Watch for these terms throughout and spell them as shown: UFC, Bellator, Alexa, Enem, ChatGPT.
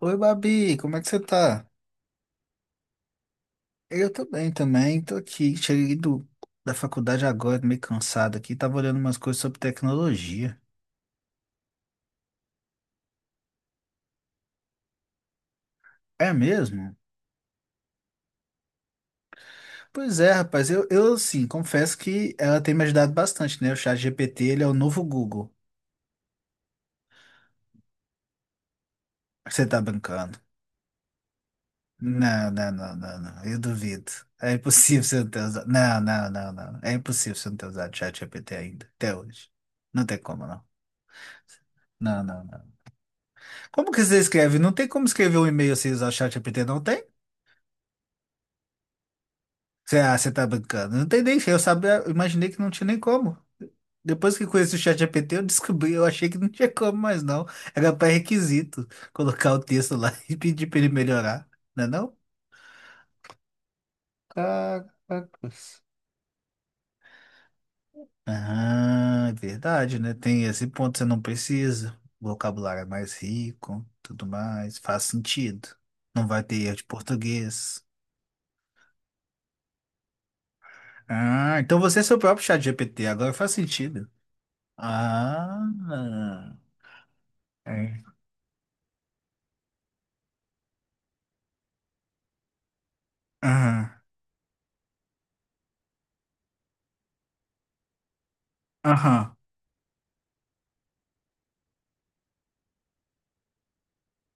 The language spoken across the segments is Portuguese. Oi, Babi, como é que você tá? Eu tô bem também, tô aqui, cheguei da faculdade agora, meio cansado aqui, tava olhando umas coisas sobre tecnologia. É mesmo? Pois é, rapaz, eu sim, confesso que ela tem me ajudado bastante, né? O chat GPT, ele é o novo Google. Você tá brincando? Não, não, não, não, não, eu duvido. É impossível você não ter usado. Não, não, não, não. É impossível você não ter usado o chat GPT ainda, até hoje. Não tem como, não. Não, não, não. Como que você escreve? Não tem como escrever um e-mail sem usar o ChatGPT, não tem? Você tá brincando. Não tem nem, eu sabia, eu imaginei que não tinha nem como. Depois que conheci o ChatGPT, eu descobri, eu achei que não tinha como mais não. Era pré-requisito colocar o texto lá e pedir pra ele melhorar, não é não? Caracas. Ah, é verdade, né? Tem esse ponto, você não precisa. O vocabulário é mais rico, tudo mais, faz sentido. Não vai ter erro de português. Ah, então você é seu próprio chat GPT, agora faz sentido. Ah, é. Aham, aham.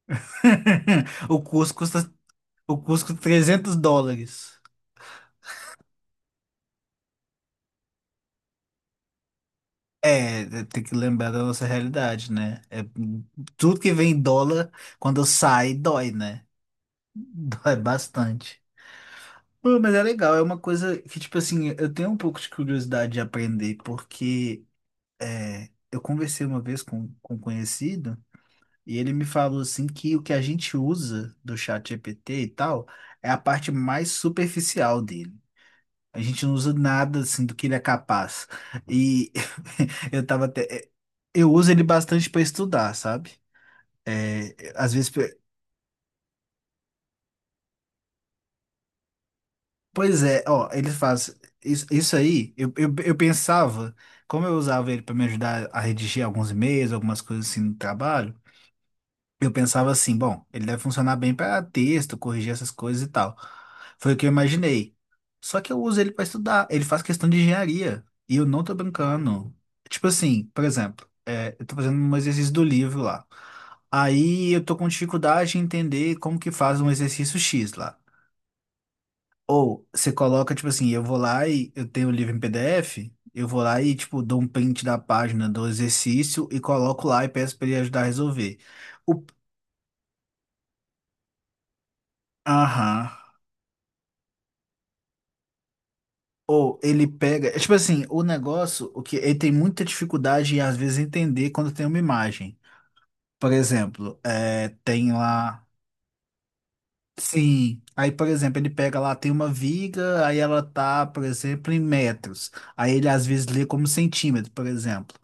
O curso custa, o curso custa 300 dólares. É, é, tem que lembrar da nossa realidade, né? É, tudo que vem em dólar, quando sai, dói, né? Dói bastante. Pô, mas é legal, é uma coisa que, tipo assim, eu tenho um pouco de curiosidade de aprender, porque é, eu conversei uma vez com um conhecido. E ele me falou assim que o que a gente usa do chat GPT e tal é a parte mais superficial dele. A gente não usa nada assim do que ele é capaz. E eu tava até eu uso ele bastante para estudar, sabe? É, às vezes, pois é, ó, ele faz isso, isso aí. Eu pensava, como eu usava ele para me ajudar a redigir alguns e-mails, algumas coisas assim no trabalho, eu pensava assim, bom, ele deve funcionar bem para texto, corrigir essas coisas e tal. Foi o que eu imaginei. Só que eu uso ele para estudar. Ele faz questão de engenharia. E eu não tô brincando. Tipo assim, por exemplo, é, eu tô fazendo um exercício do livro lá. Aí eu tô com dificuldade em entender como que faz um exercício X lá. Ou você coloca, tipo assim, eu vou lá e eu tenho o livro em PDF, eu vou lá e, tipo, dou um print da página do exercício e coloco lá e peço para ele ajudar a resolver. O... Aham. Ou ele pega. Tipo assim, o negócio, o que ele tem muita dificuldade em às vezes entender quando tem uma imagem. Por exemplo, é, tem lá. Sim. Aí, por exemplo, ele pega lá, tem uma viga, aí ela tá, por exemplo, em metros. Aí ele às vezes lê como centímetro, por exemplo.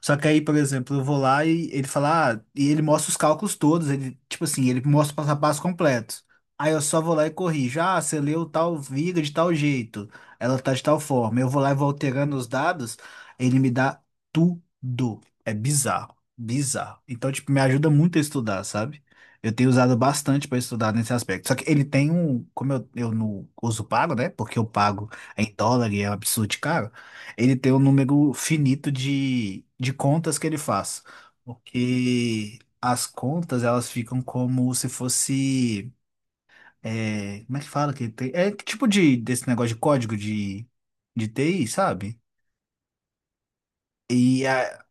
Só que aí, por exemplo, eu vou lá e ele fala, ah, e ele mostra os cálculos todos, ele, tipo assim, ele mostra o passo a passo completo. Aí eu só vou lá e corrijo. Ah, você leu tal viga de tal jeito, ela tá de tal forma. Eu vou lá e vou alterando os dados, ele me dá tudo. É bizarro, bizarro. Então, tipo, me ajuda muito a estudar, sabe? Eu tenho usado bastante para estudar nesse aspecto. Só que ele tem um, como eu não uso pago, né? Porque eu pago em dólar e é um absurdo de caro, ele tem um número finito de contas que ele faz, porque as contas elas ficam como se fosse, é, como é que fala que tem? É que tipo de desse negócio de código de, TI, sabe? E a,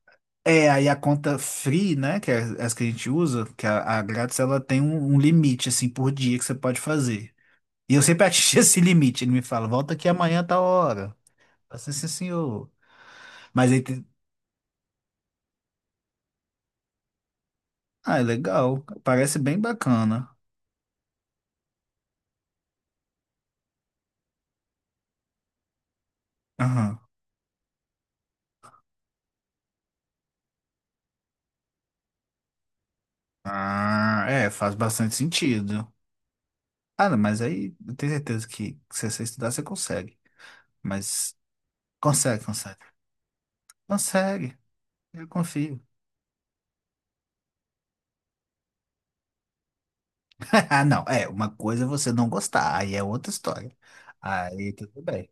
aí a conta free, né, que é as que a gente usa, que é a grátis, ela tem um limite, assim, por dia que você pode fazer. E eu sempre atingi esse limite, ele me fala, volta aqui amanhã a tal hora. Eu falo assim, "Sim, senhor." Mas aí Ah, é legal. Parece bem bacana. Aham. Ah, é, faz bastante sentido. Ah, não, mas aí eu tenho certeza que se você estudar, você consegue. Mas consegue, consegue. Consegue. Eu confio. Ah, não. É, uma coisa é você não gostar, aí é outra história. Aí tudo bem.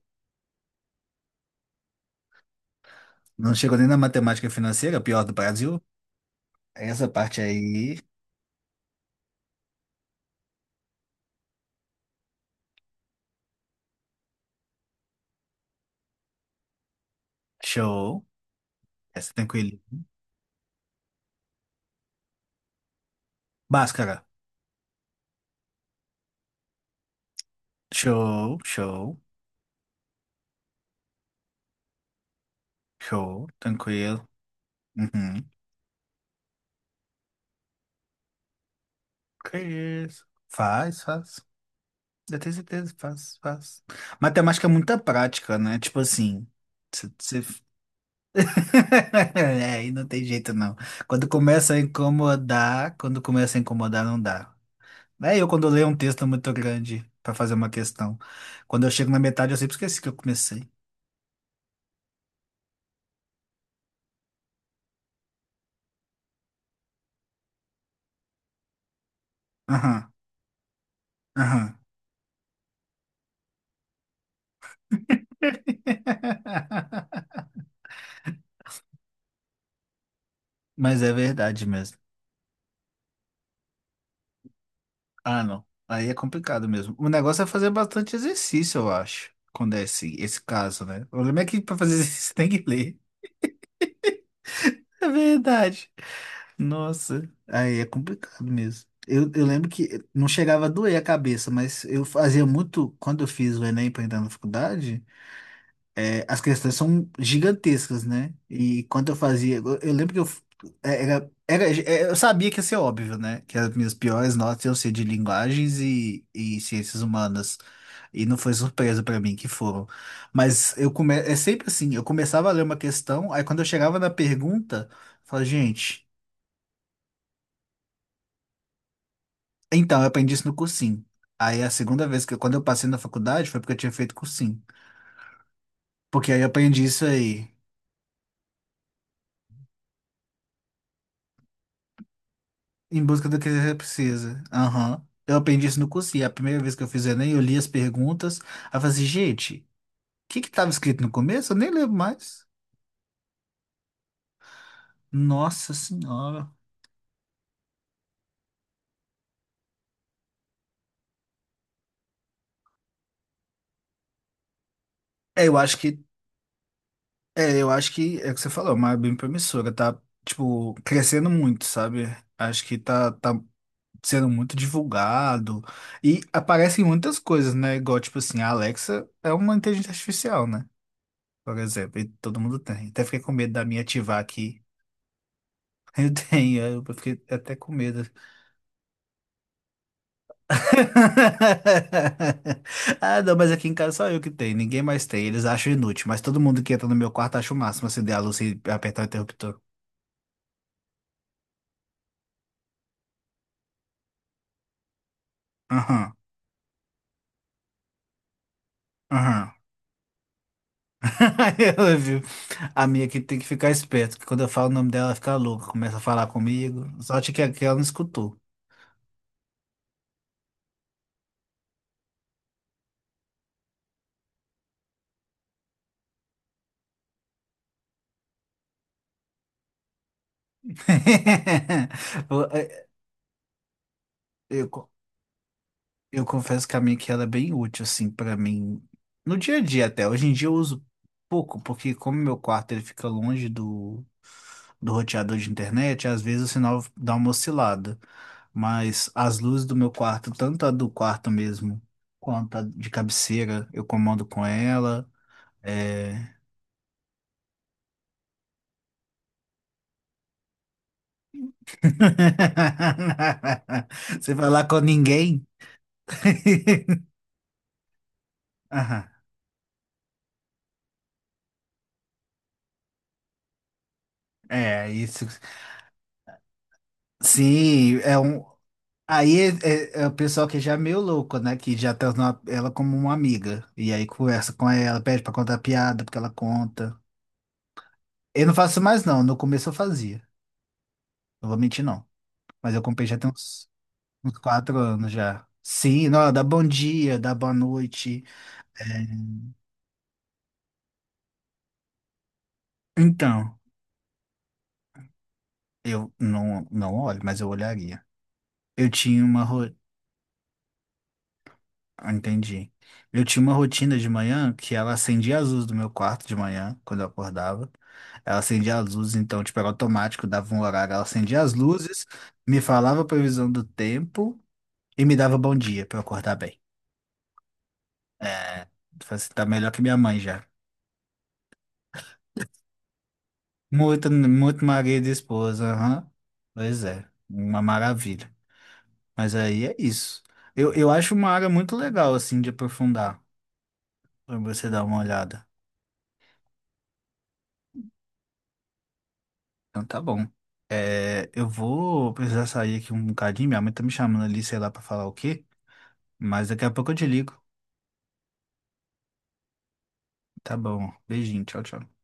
Não chegou nem na matemática financeira, pior do Brasil. Essa parte aí, show. Essa tranquilo. Báscara. Show, show, show. Tranquilo. Uhum. Que isso? Faz, faz. Eu tenho certeza, faz, faz. Matemática é muita prática, né? Tipo assim, cê- cê- É, aí não tem jeito, não. Quando começa a incomodar, quando começa a incomodar, não dá. É eu quando leio um texto muito grande pra fazer uma questão. Quando eu chego na metade, eu sempre esqueci que eu comecei. Aham, aham. Mas é verdade mesmo. Ah, não. Aí é complicado mesmo. O negócio é fazer bastante exercício, eu acho, quando é esse caso, né? O problema é que para fazer exercício você tem que ler. É verdade. Nossa, aí é complicado mesmo. Eu lembro que não chegava a doer a cabeça, mas eu fazia muito, quando eu fiz o Enem para entrar na faculdade, é, as questões são gigantescas, né? E quando eu fazia, eu lembro que eu f- é, era, era, é, eu sabia que ia ser óbvio, né? Que as minhas piores notas iam ser de linguagens e ciências humanas. E não foi surpresa pra mim que foram. Mas é sempre assim, eu começava a ler uma questão, aí quando eu chegava na pergunta, eu falava, gente, então, eu aprendi isso no cursinho. Aí a segunda vez que eu, quando eu passei na faculdade foi porque eu tinha feito cursinho. Porque aí eu aprendi isso aí. Em busca do que você precisa. Aham. Eu aprendi isso no curso e a primeira vez que eu fiz o Enem, eu li as perguntas. Aí eu falei assim, gente, o que que estava escrito no começo? Eu nem lembro mais. Nossa Senhora. É, eu acho que, eu acho que é o que você falou, é uma área bem promissora, tá, tipo, crescendo muito, sabe? Acho que tá sendo muito divulgado e aparecem muitas coisas, né? Igual, tipo assim, a Alexa é uma inteligência artificial, né? Por exemplo, e todo mundo tem. Até fiquei com medo da minha ativar aqui. Eu tenho, eu fiquei até com medo. Ah, não, mas aqui em casa só eu que tenho, ninguém mais tem. Eles acham inútil, mas todo mundo que entra no meu quarto acha o máximo acender a luz e apertar o interruptor. Aham, aham. Ela viu. A minha aqui tem que ficar esperto, que quando eu falo o nome dela, ela fica louca, começa a falar comigo. Sorte que, ela não escutou. Eu- eu- Eu confesso que a minha que ela é bem útil, assim, pra mim. No dia a dia até. Hoje em dia eu uso pouco, porque como meu quarto ele fica longe do, do roteador de internet, às vezes o sinal dá uma oscilada. Mas as luzes do meu quarto, tanto a do quarto mesmo, quanto a de cabeceira, eu comando com ela. É... Você vai lá com ninguém? Aham. É, isso. Sim, é um. Aí é o pessoal que já é meio louco, né? Que já tá na- ela como uma amiga. E aí conversa com ela, pede pra contar piada, porque ela conta. Eu não faço mais, não. No começo eu fazia. Não vou mentir, não. Mas eu comprei já tem uns 4 anos já. Sim, não, ela dá bom dia, dá boa noite. Então, eu não, não olho, mas eu olharia. Eu tinha uma. Ah, entendi. Eu tinha uma rotina de manhã que ela acendia as luzes do meu quarto de manhã, quando eu acordava. Ela acendia as luzes, então, tipo, era automático, dava um horário. Ela acendia as luzes, me falava a previsão do tempo e me dava bom dia pra eu acordar bem. É, falei assim, tá melhor que minha mãe já. Muito, muito marido e esposa, aham. Pois é, uma maravilha. Mas aí é isso. Eu acho uma área muito legal, assim, de aprofundar, pra você dar uma olhada. Então tá bom. É, eu vou precisar sair aqui um bocadinho. Minha mãe tá me chamando ali, sei lá, pra falar o quê. Mas daqui a pouco eu te ligo. Tá bom. Beijinho. Tchau, tchau.